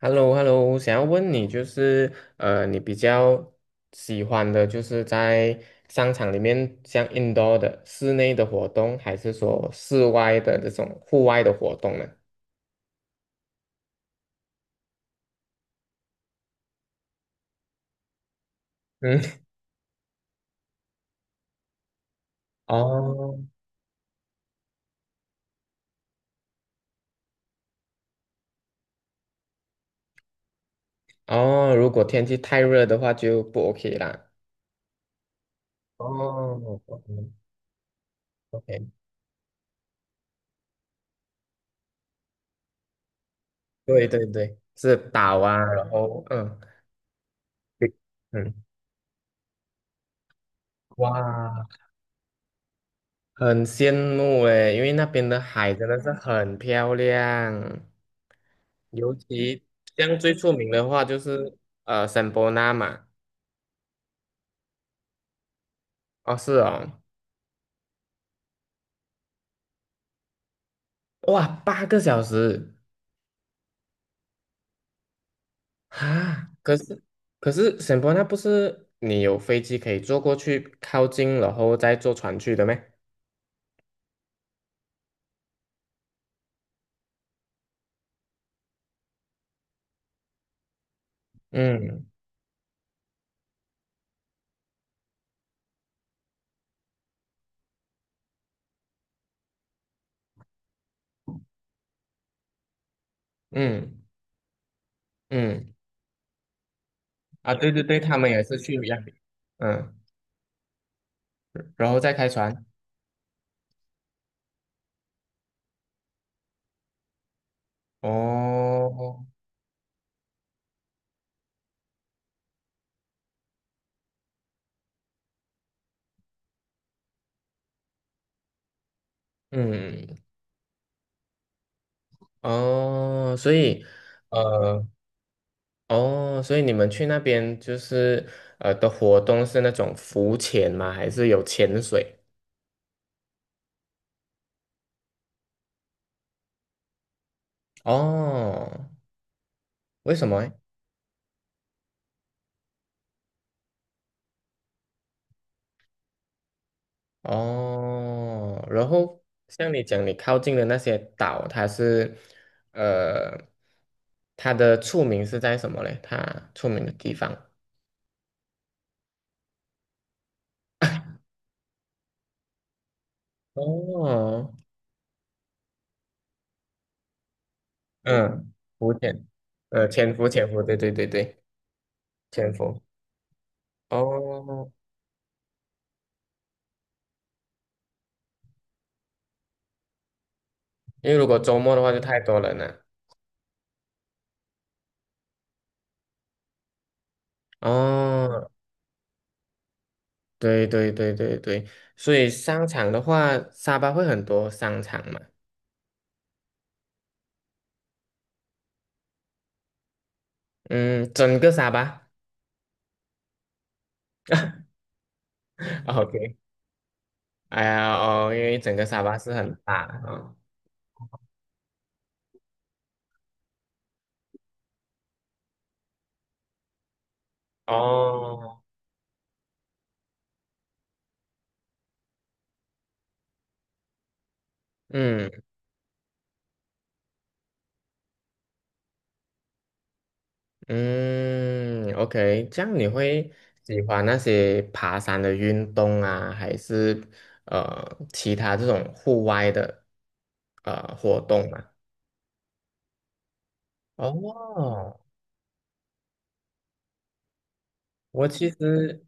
h e l l o h e l l o 想要问你就是，你比较喜欢的就是在商场里面，像 indoor 的室内的活动，还是说室外的这种户外的活动呢？嗯，哦 哦，如果天气太热的话就不 OK 啦。哦，OK OK，对对对，是岛啊，然后嗯嗯，哇，很羡慕诶，因为那边的海真的是很漂亮。尤其像最出名的话就是圣伯纳嘛，哦是哦，哇8个小时啊！可是可是圣伯纳不是你有飞机可以坐过去靠近，然后再坐船去的咩？嗯嗯嗯啊对对对，他们也是去一样，嗯，然后再开船哦，嗯哦，所以。呃。哦，所以你们去那边就是的活动是那种浮潜吗？还是有潜水？哦，为什么诶？哦，然后像你讲，你靠近的那些岛，呃它的出名是在什么嘞？它出名的地方？哦，嗯，浮潜，潜伏，潜伏，对对对对，潜伏。哦，因为如果周末的话就太多人了。哦，对对对对对，所以商场的话，沙巴会很多商场嘛，嗯，整个沙巴 ，OK，哎呀哦，因为整个沙巴是很大啊，哦，嗯嗯，OK，这样你会喜欢那些爬山的运动啊，还是呃其他这种户外的活动吗？哦，我其实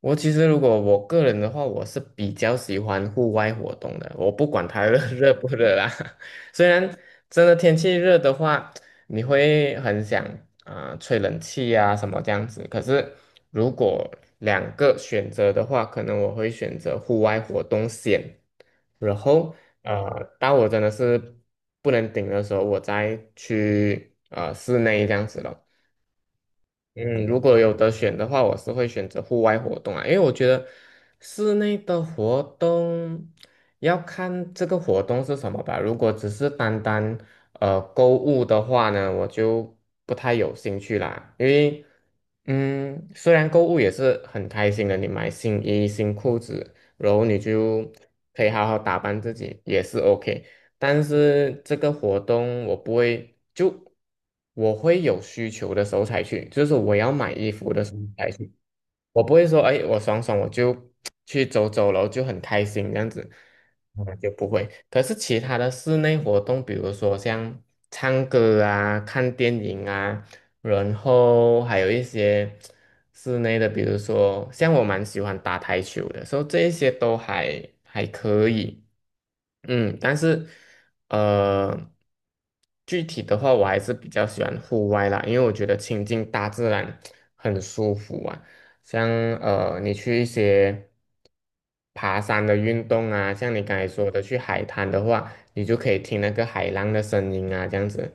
我其实如果我个人的话，我是比较喜欢户外活动的，我不管它热 热不热啦。虽然真的天气热的话，你会很想啊、吹冷气啊什么这样子。可是如果两个选择的话，可能我会选择户外活动先，然后当我真的是不能顶的时候，我再去室内这样子了。嗯，如果有得选的话，我是会选择户外活动啊，因为我觉得室内的活动要看这个活动是什么吧。如果只是单单购物的话呢，我就不太有兴趣啦。因为嗯，虽然购物也是很开心的，你买新衣、新裤子，然后你就可以好好打扮自己，也是 OK。但是这个活动我不会，就我会有需求的时候才去，就是我要买衣服的时候才去，我不会说，哎，我爽爽我就去走走了，然后就很开心这样子，嗯，就不会。可是其他的室内活动，比如说像唱歌啊、看电影啊，然后还有一些室内的，比如说像我蛮喜欢打台球的，所以这一些都还还可以。嗯，但是呃，具体的话，我还是比较喜欢户外啦，因为我觉得亲近大自然很舒服啊。像你去一些爬山的运动啊，像你刚才说的去海滩的话，你就可以听那个海浪的声音啊，这样子，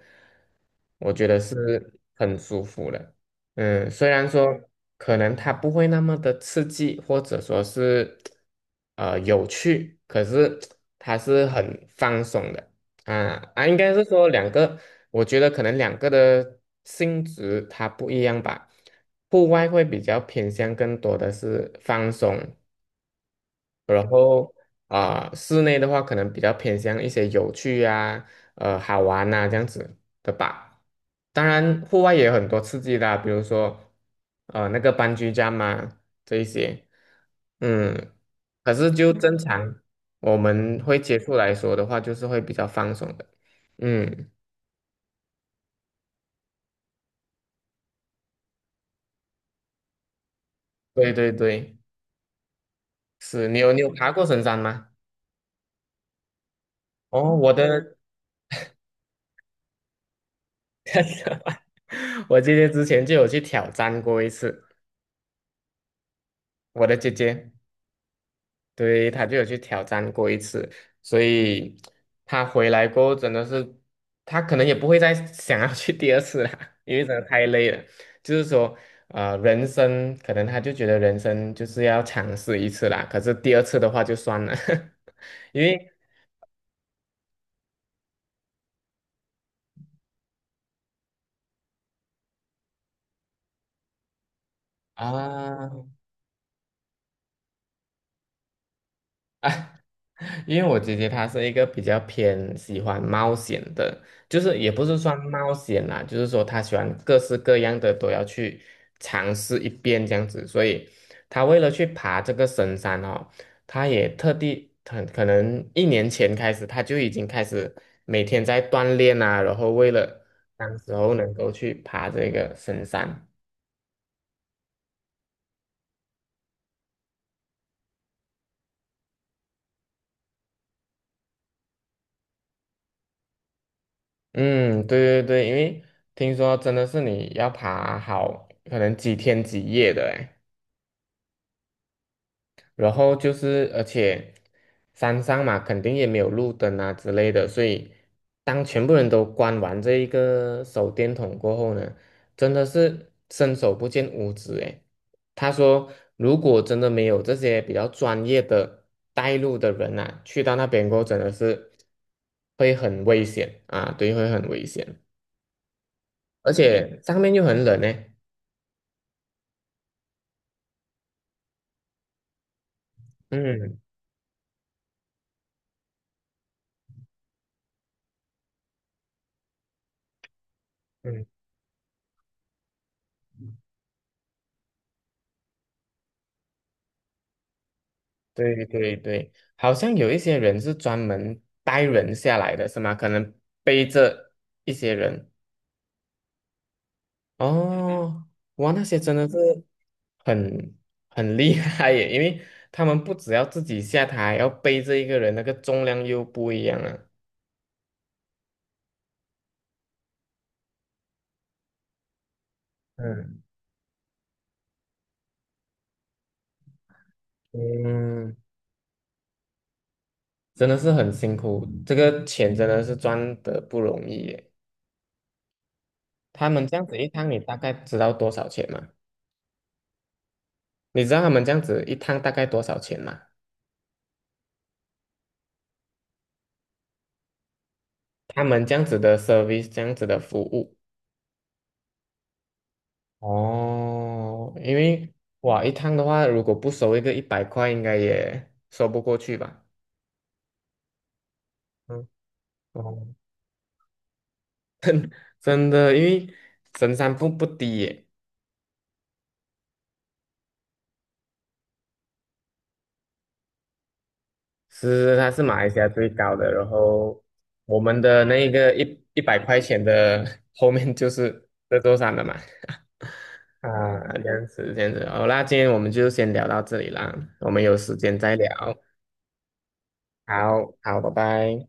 我觉得是很舒服的。嗯，虽然说可能它不会那么的刺激，或者说是有趣，可是它是很放松的啊啊。应该是说两个，我觉得可能两个的性质它不一样吧。户外会比较偏向更多的是放松，然后室内的话可能比较偏向一些有趣啊、好玩呐、这样子的吧。当然，户外也有很多刺激的啊比如说那个班居家嘛这一些，嗯，可是就正常我们会接触来说的话，就是会比较放松的。嗯，对对对，是你有爬过神山吗？哦，我姐姐之前就有去挑战过一次，我的姐姐。对，他就有去挑战过一次，所以 他回来过后真的是，他可能也不会再 想要去第二次了，因为真的太累了。就是说，人生可能他就觉得人生就是要尝试一次啦，可是第二次的话就算了，因为啊。因为我姐姐她是一个比较偏喜欢冒险的，就是也不是算冒险啦，就是说她喜欢各式各样的都要去尝试一遍这样子，所以她为了去爬这个神山哦，她也特地很可能一年前开始，她就已经开始每天在锻炼啊，然后为了当时候能够去爬这个神山。嗯，对对对，因为听说真的是你要爬好可能几天几夜的诶。然后就是，而且山上嘛，肯定也没有路灯啊之类的，所以当全部人都关完这一个手电筒过后呢，真的是伸手不见五指诶。他说，如果真的没有这些比较专业的带路的人啊，去到那边过后真的是会很危险啊，对，会很危险，而且上面又很冷呢。嗯嗯。对对对，好像有一些人是专门带人下来的，是吗？可能背着一些人。哦，哇，那些真的是很很厉害耶，因为他们不只要自己下台，还要背着一个人，那个重量又不一样啊。嗯嗯，真的是很辛苦，这个钱真的是赚得不容易耶。他们这样子一趟，你大概知道多少钱吗？你知道他们这样子一趟大概多少钱吗？他们这样子的 service，这样子的服务。哦，因为哇，一趟的话，如果不收一个一百块，应该也收不过去吧？嗯，哦，真的，因为神山瀑不低耶，是它是马来西亚最高的。然后我们的那个一百块钱的 后面就是这座山了嘛。啊，这样子，这样子，好啦，今天我们就先聊到这里啦，我们有时间再聊。好，好，拜拜。